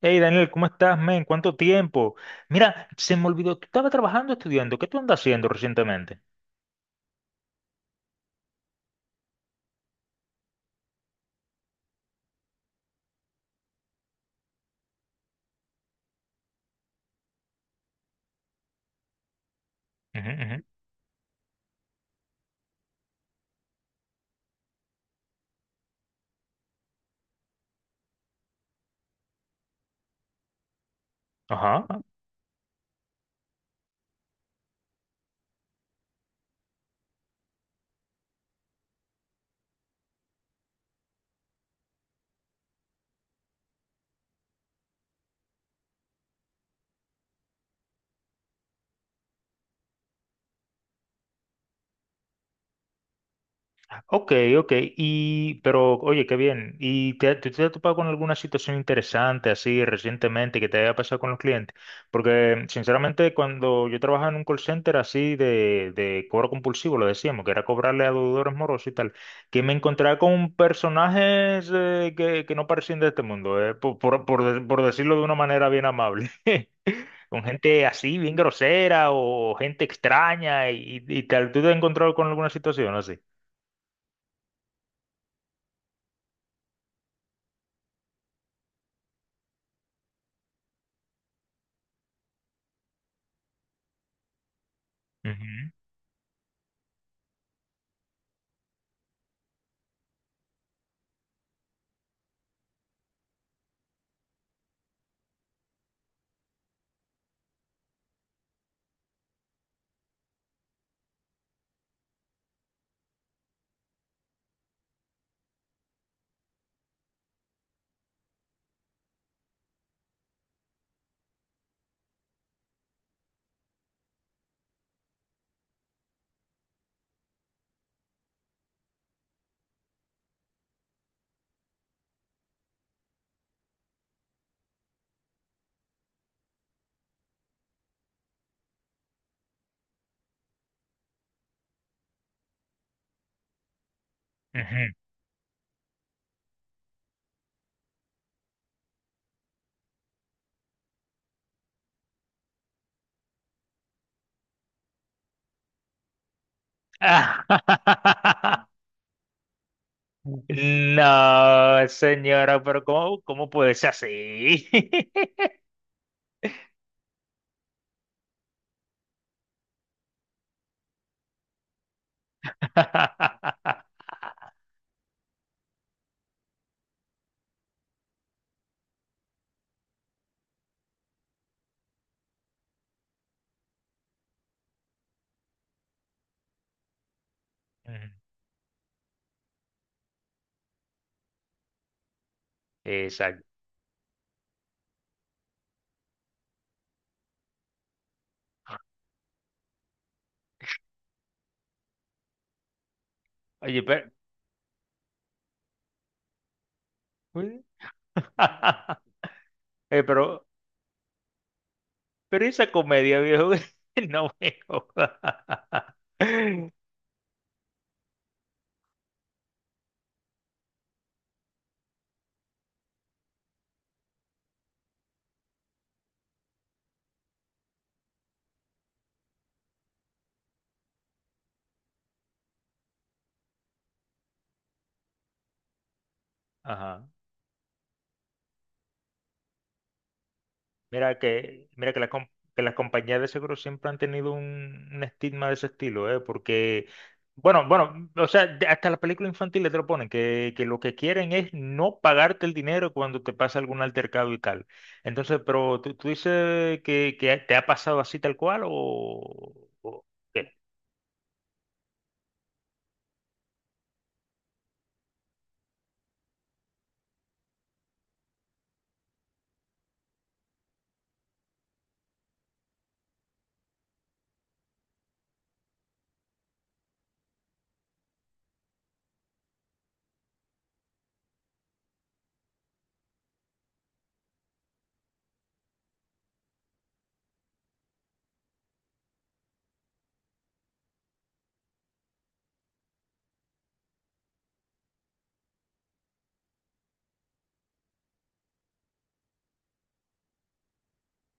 Hey Daniel, ¿cómo estás, men? ¿Cuánto tiempo? Mira, se me olvidó, tú estabas trabajando, estudiando. ¿Qué tú andas haciendo recientemente? Ujú, ujú. Ajá. Ok, ok, y pero oye, qué bien. ¿Y te has topado con alguna situación interesante así recientemente que te haya pasado con los clientes? Porque sinceramente cuando yo trabajaba en un call center así de cobro compulsivo, lo decíamos, que era cobrarle a deudores morosos y tal, que me encontraba con personajes que no parecían de este mundo, por decirlo de una manera bien amable. Con gente así, bien grosera o gente extraña y tal. ¿Tú te has encontrado con alguna situación así? Ujú. Ujú. Ah. No, señora, pero cómo puede ser así? Ujú. Exacto. Oye, pero, uy. Eh, pero, pero esa comedia, viejo, no me jodas. Ajá. Mira que, la com- que las compañías de seguros siempre han tenido un estigma de ese estilo, ¿eh? Porque bueno, o sea, hasta las películas infantiles te lo ponen, que lo que quieren es no pagarte el dinero cuando te pasa algún altercado y tal. Entonces, pero tú dices que te ha pasado así tal cual, o qué?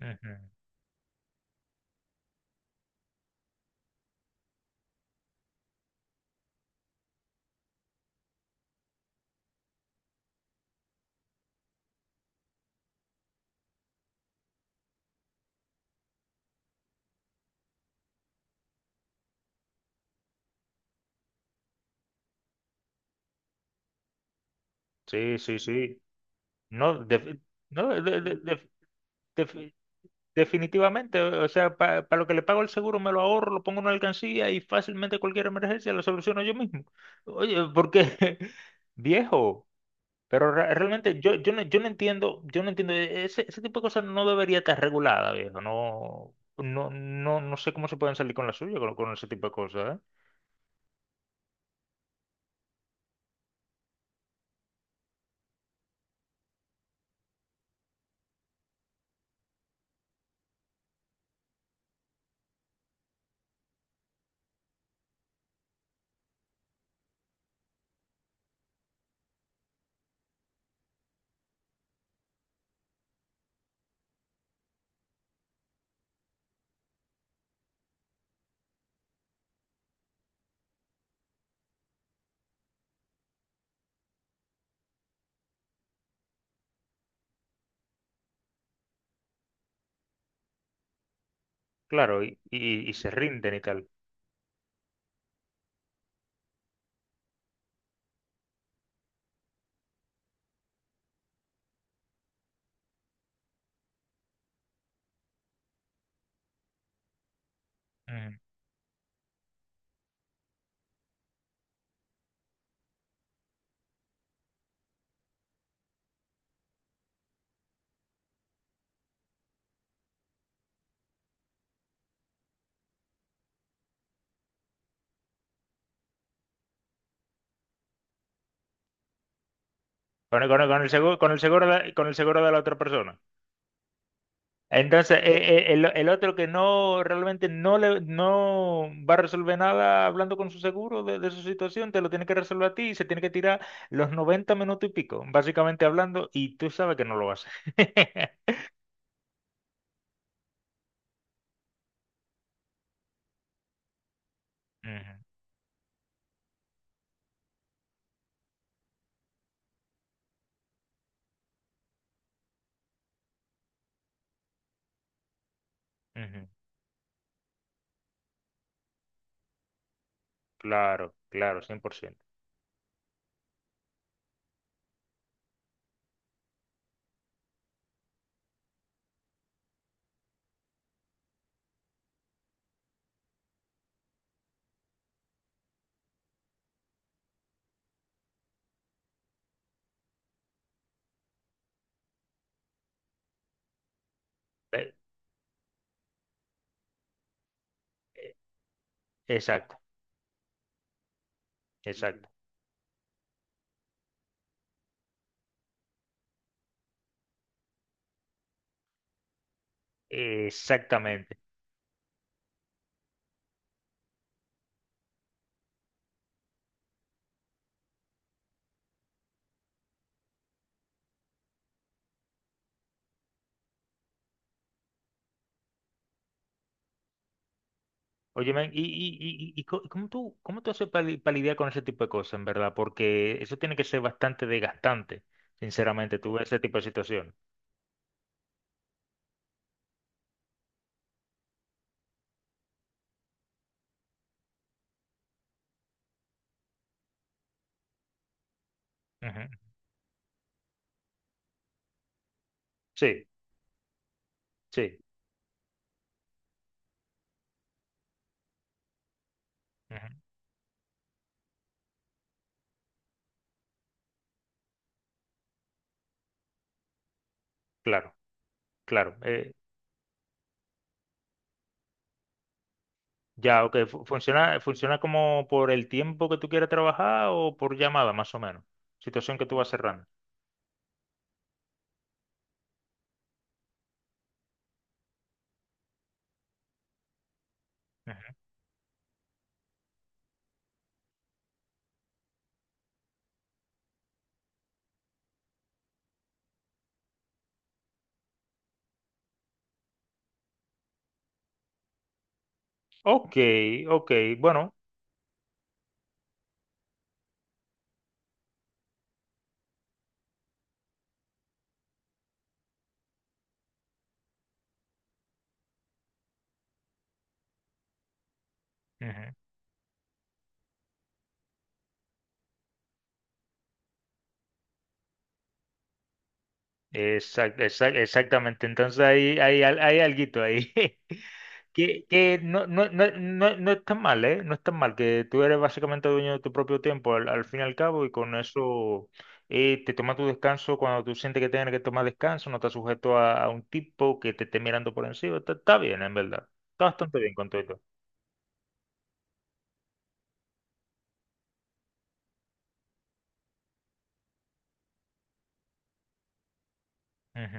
Ujú. Sí, sí, sí. No, de- no, de- Definitivamente, o sea, para lo que le pago el seguro me lo ahorro, lo pongo en una alcancía y fácilmente cualquier emergencia la soluciono yo mismo. Oye, porque viejo, pero realmente yo no entiendo, e, ese tipo de cosas no debería estar regulada, viejo, no, no, no, no sé cómo se pueden salir con la suya con ese tipo de cosas, ¿eh? Claro, y se rinden y tal. Ujú. Con el seguro, con el seguro de, con el seguro de la otra persona. Entonces, el otro que no realmente no le no va a resolver nada hablando con su seguro de su situación, te lo tiene que resolver a ti y se tiene que tirar los 90 minutos y pico, básicamente hablando, y tú sabes que no lo hace. Ujú, ujú. Claro, claro, 100%. Eh, eh, Exacto, exacto, exactamente. Oye, men, ¿cómo cómo tú haces para lidiar con ese tipo de cosas, en verdad? Porque eso tiene que ser bastante desgastante, sinceramente, tú ves ese tipo de situaciones. Ujú. Sí, sí, ujú. Claro, claro. Ya, ok. Funciona, funciona como por el tiempo que tú quieras trabajar o por llamada, más o menos. Situación que tú vas cerrando. Ujú. Ok, ok. Bueno. Exactamente. Entonces hay alguito ahí. Que no, no, no, no, no está mal, ¿eh? No está mal, que tú eres básicamente dueño de tu propio tiempo al fin y al cabo, y con eso te tomas tu descanso cuando tú sientes que tienes que tomar descanso, no estás sujeto a un tipo que te esté mirando por encima. Está, está bien, en verdad. Está bastante bien con todo esto. Ujú,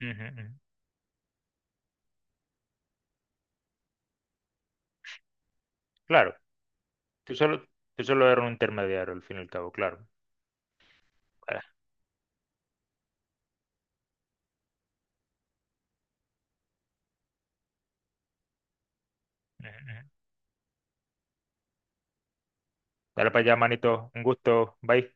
ujú, ujú, ujú. Claro, tú solo, tú solo eres un intermediario al fin y al cabo, claro. Ah, ujú, ujú. Dale para allá, manito. Un gusto. Bye.